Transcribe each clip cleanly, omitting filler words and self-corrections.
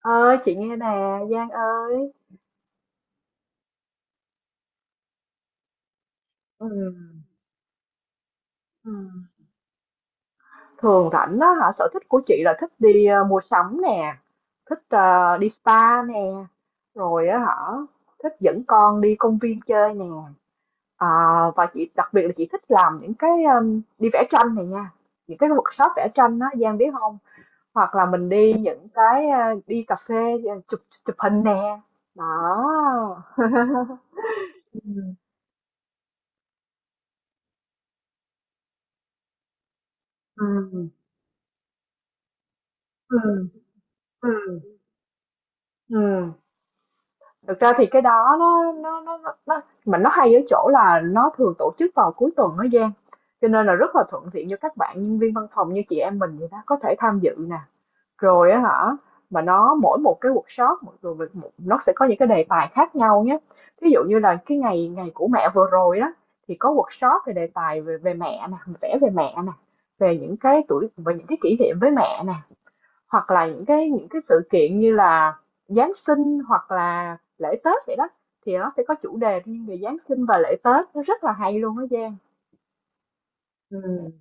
Ơi, chị nghe nè. Giang ơi. Ừ. Ừ. Thường rảnh đó hả, sở thích của chị là thích đi mua sắm nè, thích đi spa nè, rồi á hả, thích dẫn con đi công viên chơi nè. À, và chị đặc biệt là chị thích làm những cái đi vẽ tranh này nha. Những cái workshop vẽ tranh đó Giang biết không? Hoặc là mình đi những cái đi cà phê, chụp chụp hình nè. Đó. Ừ. Ừ. Ừ. Ừ. Ừ. Thực ra thì cái đó mà nó hay ở chỗ là nó thường tổ chức vào cuối tuần đó Giang, cho nên là rất là thuận tiện cho các bạn nhân viên văn phòng như chị em mình vậy đó, có thể tham dự nè, rồi á hả. Mà nó mỗi một cái workshop, nó sẽ có những cái đề tài khác nhau nhé. Ví dụ như là cái ngày ngày của mẹ vừa rồi đó, thì có workshop về đề tài về về mẹ nè, vẽ về mẹ nè, về những cái tuổi, về những cái kỷ niệm với mẹ nè. Hoặc là những cái sự kiện như là Giáng sinh hoặc là lễ Tết vậy đó, thì nó sẽ có chủ đề riêng về Giáng sinh và lễ Tết, nó rất là hay luôn á Giang. Ừm.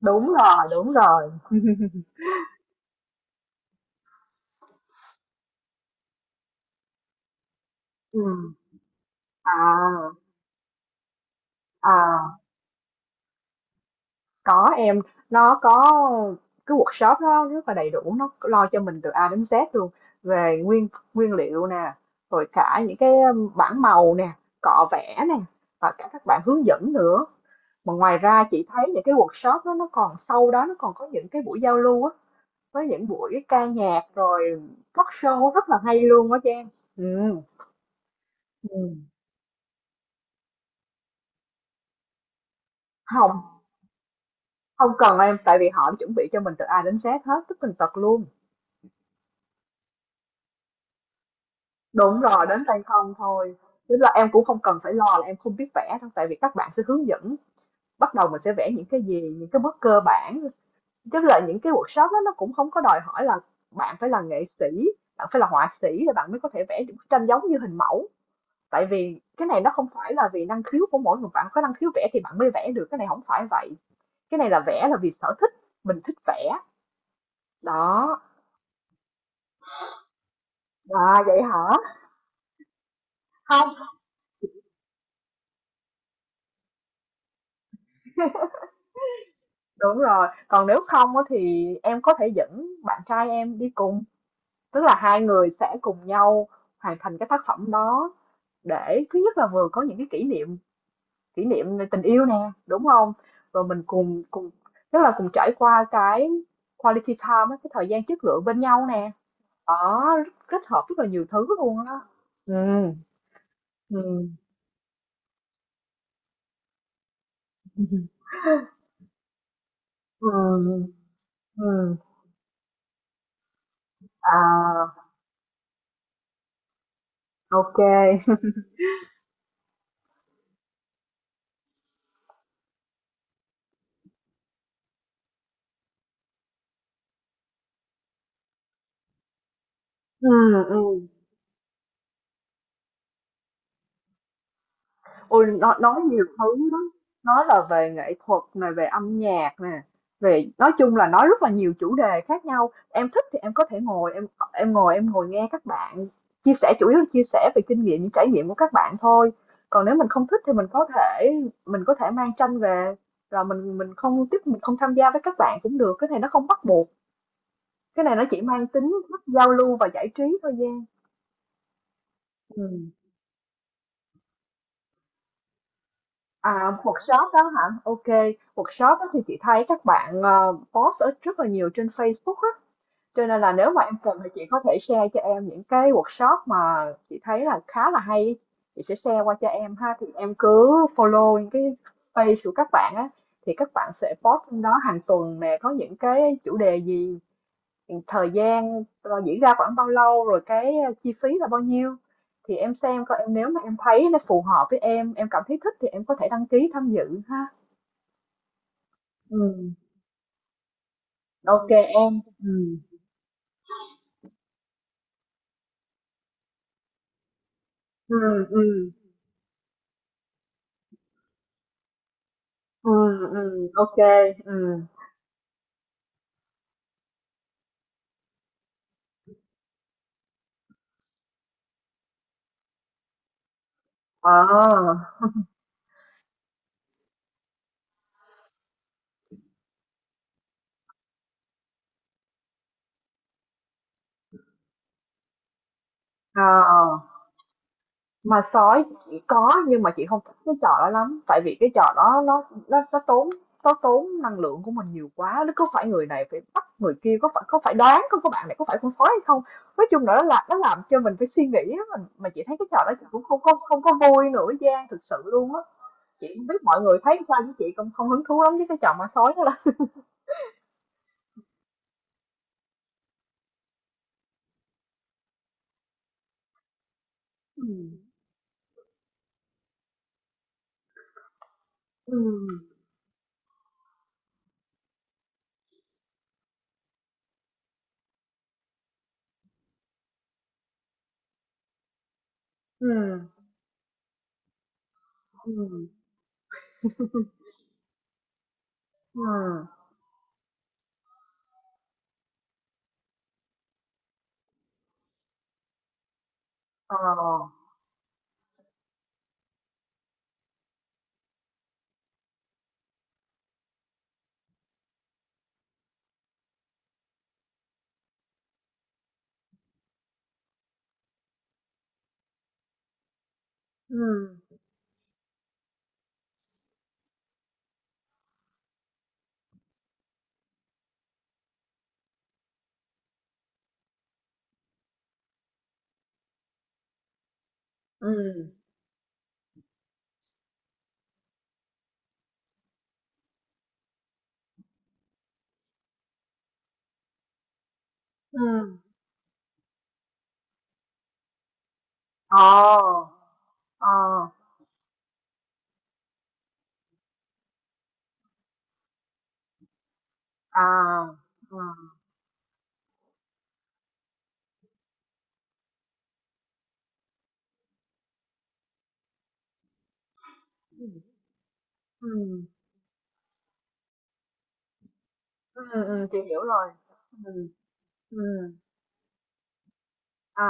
Đúng rồi, đúng rồi. Ừm. À. À. Có em, nó có cái workshop nó rất là đầy đủ, nó lo cho mình từ A đến Z luôn, về nguyên nguyên liệu nè, rồi cả những cái bảng màu nè, cọ vẽ nè, và cả các bạn hướng dẫn nữa. Mà ngoài ra chị thấy những cái workshop đó nó còn, sau đó nó còn có những cái buổi giao lưu á, với những buổi ca nhạc rồi talk show rất là hay luôn á Trang. Ừ. Ừ. Không, không cần em, tại vì họ chuẩn bị cho mình từ A đến Z hết, tức tần tật luôn. Đúng rồi, đến tay không thôi. Tức là em cũng không cần phải lo là em không biết vẽ đâu, tại vì các bạn sẽ hướng dẫn bắt đầu mình sẽ vẽ những cái gì, những cái bước cơ bản. Tức là những cái workshop đó nó cũng không có đòi hỏi là bạn phải là nghệ sĩ, bạn phải là họa sĩ để bạn mới có thể vẽ những bức tranh giống như hình mẫu. Tại vì cái này nó không phải là vì năng khiếu của mỗi người, bạn có năng khiếu vẽ thì bạn mới vẽ được, cái này không phải vậy, cái này là vẽ là vì sở thích, mình thích vẽ. Đó. À, vậy hả? Không, đúng rồi, còn nếu không á thì em có thể dẫn bạn trai em đi cùng, tức là hai người sẽ cùng nhau hoàn thành cái tác phẩm đó, để thứ nhất là vừa có những cái kỷ niệm, kỷ niệm về tình yêu nè, đúng không. Rồi mình cùng cùng tức là cùng trải qua cái quality time á, cái thời gian chất lượng bên nhau nè. Có, kết hợp rất là nhiều thứ luôn á. Ừ. Ừ. Ừ. Ừ. Ừ. À, ok. Ừ. Ừ. Ôi, nó nói nhiều thứ lắm, nói là về nghệ thuật này, về âm nhạc nè, về, nói chung là nói rất là nhiều chủ đề khác nhau. Em thích thì em có thể ngồi em, em ngồi nghe các bạn chia sẻ, chủ yếu là chia sẻ về kinh nghiệm, những trải nghiệm của các bạn thôi. Còn nếu mình không thích thì mình có thể mang tranh về, rồi mình không tiếp, mình không tham gia với các bạn cũng được. Cái này nó không bắt buộc, cái này nó chỉ mang tính giao lưu và giải trí thôi Giang. Ừ. À, workshop đó hả? Ok, workshop đó thì chị thấy các bạn post ở rất là nhiều trên Facebook á, cho nên là nếu mà em cần thì chị có thể share cho em những cái workshop mà chị thấy là khá là hay á. Chị sẽ share qua cho em ha, thì em cứ follow những cái page của các bạn á, thì các bạn sẽ post trong đó hàng tuần nè, có những cái chủ đề gì, thì thời gian diễn ra khoảng bao lâu, rồi cái chi phí là bao nhiêu, thì em xem coi em, nếu mà em thấy nó phù hợp với em cảm thấy thích thì em có thể đăng ký tham dự ha. Ừ. Ok em. Ừ. Ừ. Ừ. Ừ. Ừ. Ok. Ừ. Ờ. Ờ. mà sói chỉ có, nhưng mà chị không thích cái trò đó lắm, tại vì cái trò đó nó tốn, nó tốn năng lượng của mình nhiều quá, nó cứ phải người này phải bắt người kia, có phải đoán có bạn này có phải con sói hay không. Nói chung là nó làm cho mình phải suy nghĩ á, mình mà chị thấy cái trò đó chị cũng không không không có vui nữa Giang, thực sự luôn á. Chị không biết mọi người thấy sao, với chị không, không hứng thú lắm với cái trò ma sói đó lắm. Ừ. Ừ. Ừ. Ừ. Ừ. Ờ. Ừ. Ừ. Ừ. Ồ. Ờ. À. Ờ. Ừm. Ừm. Ừm. Ừm, chị hiểu rồi. Ừm. Ừm. À.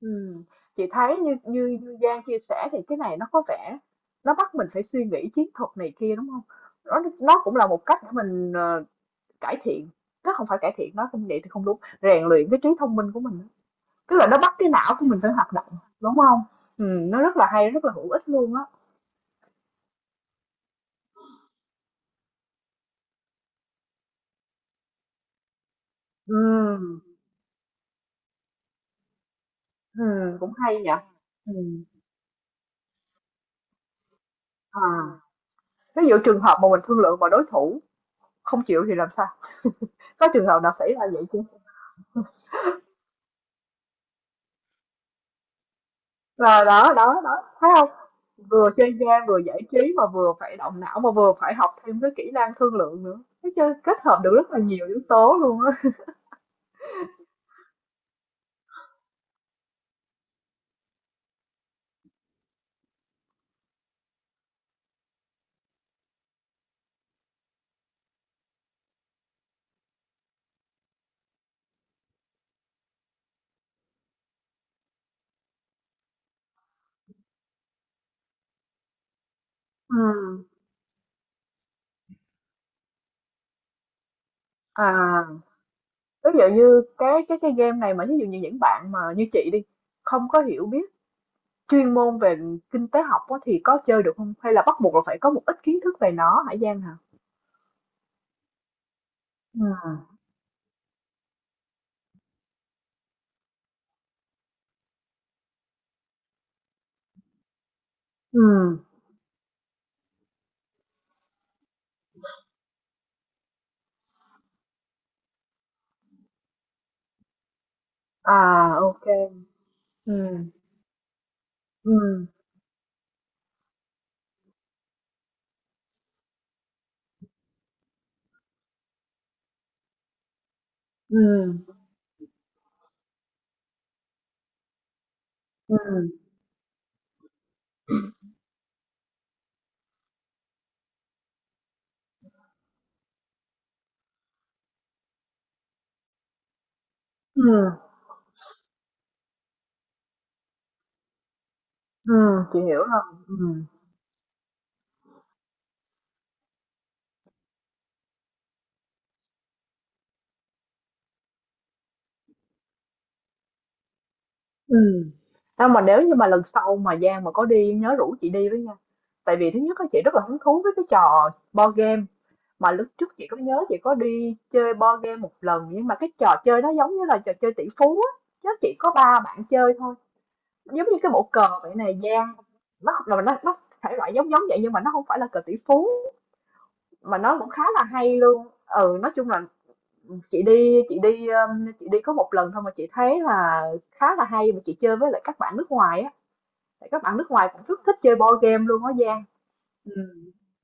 Ừm. Chị thấy như như như Giang chia sẻ thì cái này nó có vẻ nó bắt mình phải suy nghĩ chiến thuật này kia đúng không? Nó nó cũng là một cách để mình cải thiện, nó không phải cải thiện, nó không vậy thì không đúng, rèn luyện cái trí thông minh của mình á. Tức là nó bắt cái não của mình phải hoạt động, đúng không? Nó rất là hay, rất là hữu ích luôn á. Ừm. Ừm, cũng hay nhỉ. Ừm. À, ví dụ trường hợp mà mình thương lượng mà đối thủ không chịu thì làm sao? Có trường hợp nào xảy ra vậy chứ? Là đó, đó, đó, thấy không? Vừa chơi game, vừa giải trí mà vừa phải động não mà vừa phải học thêm cái kỹ năng thương lượng nữa. Thấy chưa? Kết hợp được rất là nhiều yếu tố luôn á. Ừm. À, ví dụ như cái game này, mà ví dụ như những bạn mà như chị đi, không có hiểu biết chuyên môn về kinh tế học á, thì có chơi được không? Hay là bắt buộc là phải có một ít kiến thức về nó hả Giang hả? Ừm. Ừm. À, ok. Ừm. Ừm. Ừm. Ừm. Ừm. Ừm, chị hiểu rồi. Ừm. Ừm. Đâu mà nếu như mà lần sau mà Giang mà có đi nhớ rủ chị đi với nha. Tại vì thứ nhất á, chị rất là hứng thú với cái trò board game, mà lúc trước chị có nhớ chị có đi chơi board game một lần, nhưng mà cái trò chơi nó giống như là trò chơi tỷ phú á, chứ chỉ có ba bạn chơi thôi. Giống như cái bộ cờ vậy này Giang, nó là nó thể loại giống giống vậy nhưng mà nó không phải là cờ tỷ phú, mà nó cũng khá là hay luôn. Ừ, nói chung là chị đi có một lần thôi mà chị thấy là khá là hay, mà chị chơi với lại các bạn nước ngoài á. Tại các bạn nước ngoài cũng rất thích chơi board game luôn á Giang. Ừ.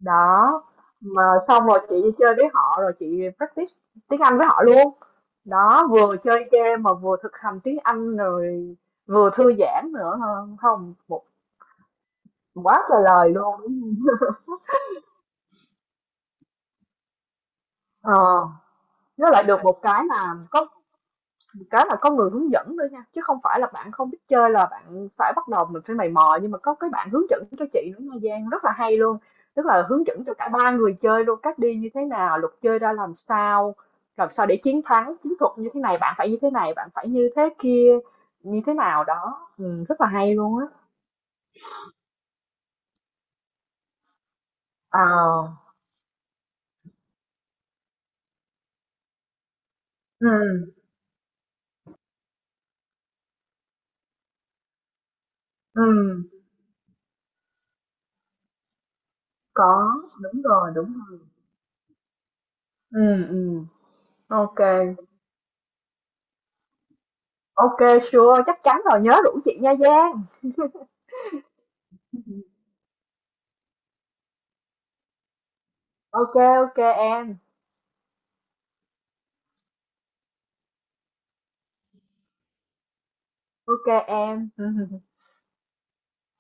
Đó. Mà xong rồi chị đi chơi với họ rồi chị practice tiếng Anh với họ luôn. Đó, vừa chơi game mà vừa thực hành tiếng Anh, rồi vừa thư giãn nữa ha. Không một Quá trời lời luôn. Ờ, nó lại được một cái là có, cái là có người hướng dẫn nữa nha, chứ không phải là bạn không biết chơi là bạn phải bắt đầu mình phải mày mò, nhưng mà có cái bạn hướng dẫn cho chị nữa nha Giang, rất là hay luôn. Tức là hướng dẫn cho cả ba người chơi luôn, cách đi như thế nào, luật chơi ra làm sao để chiến thắng, chiến thuật như thế này, bạn phải như thế này, bạn phải như thế kia, như thế nào đó. Ừ, rất là hay luôn á. À. Ừ, ừ, có, đúng rồi, đúng rồi. Ừ. Ừ. Ok. Ok, sure, chắc chắn rồi, nhớ rủ chị nha Giang. Ok. Ok em. Ok em.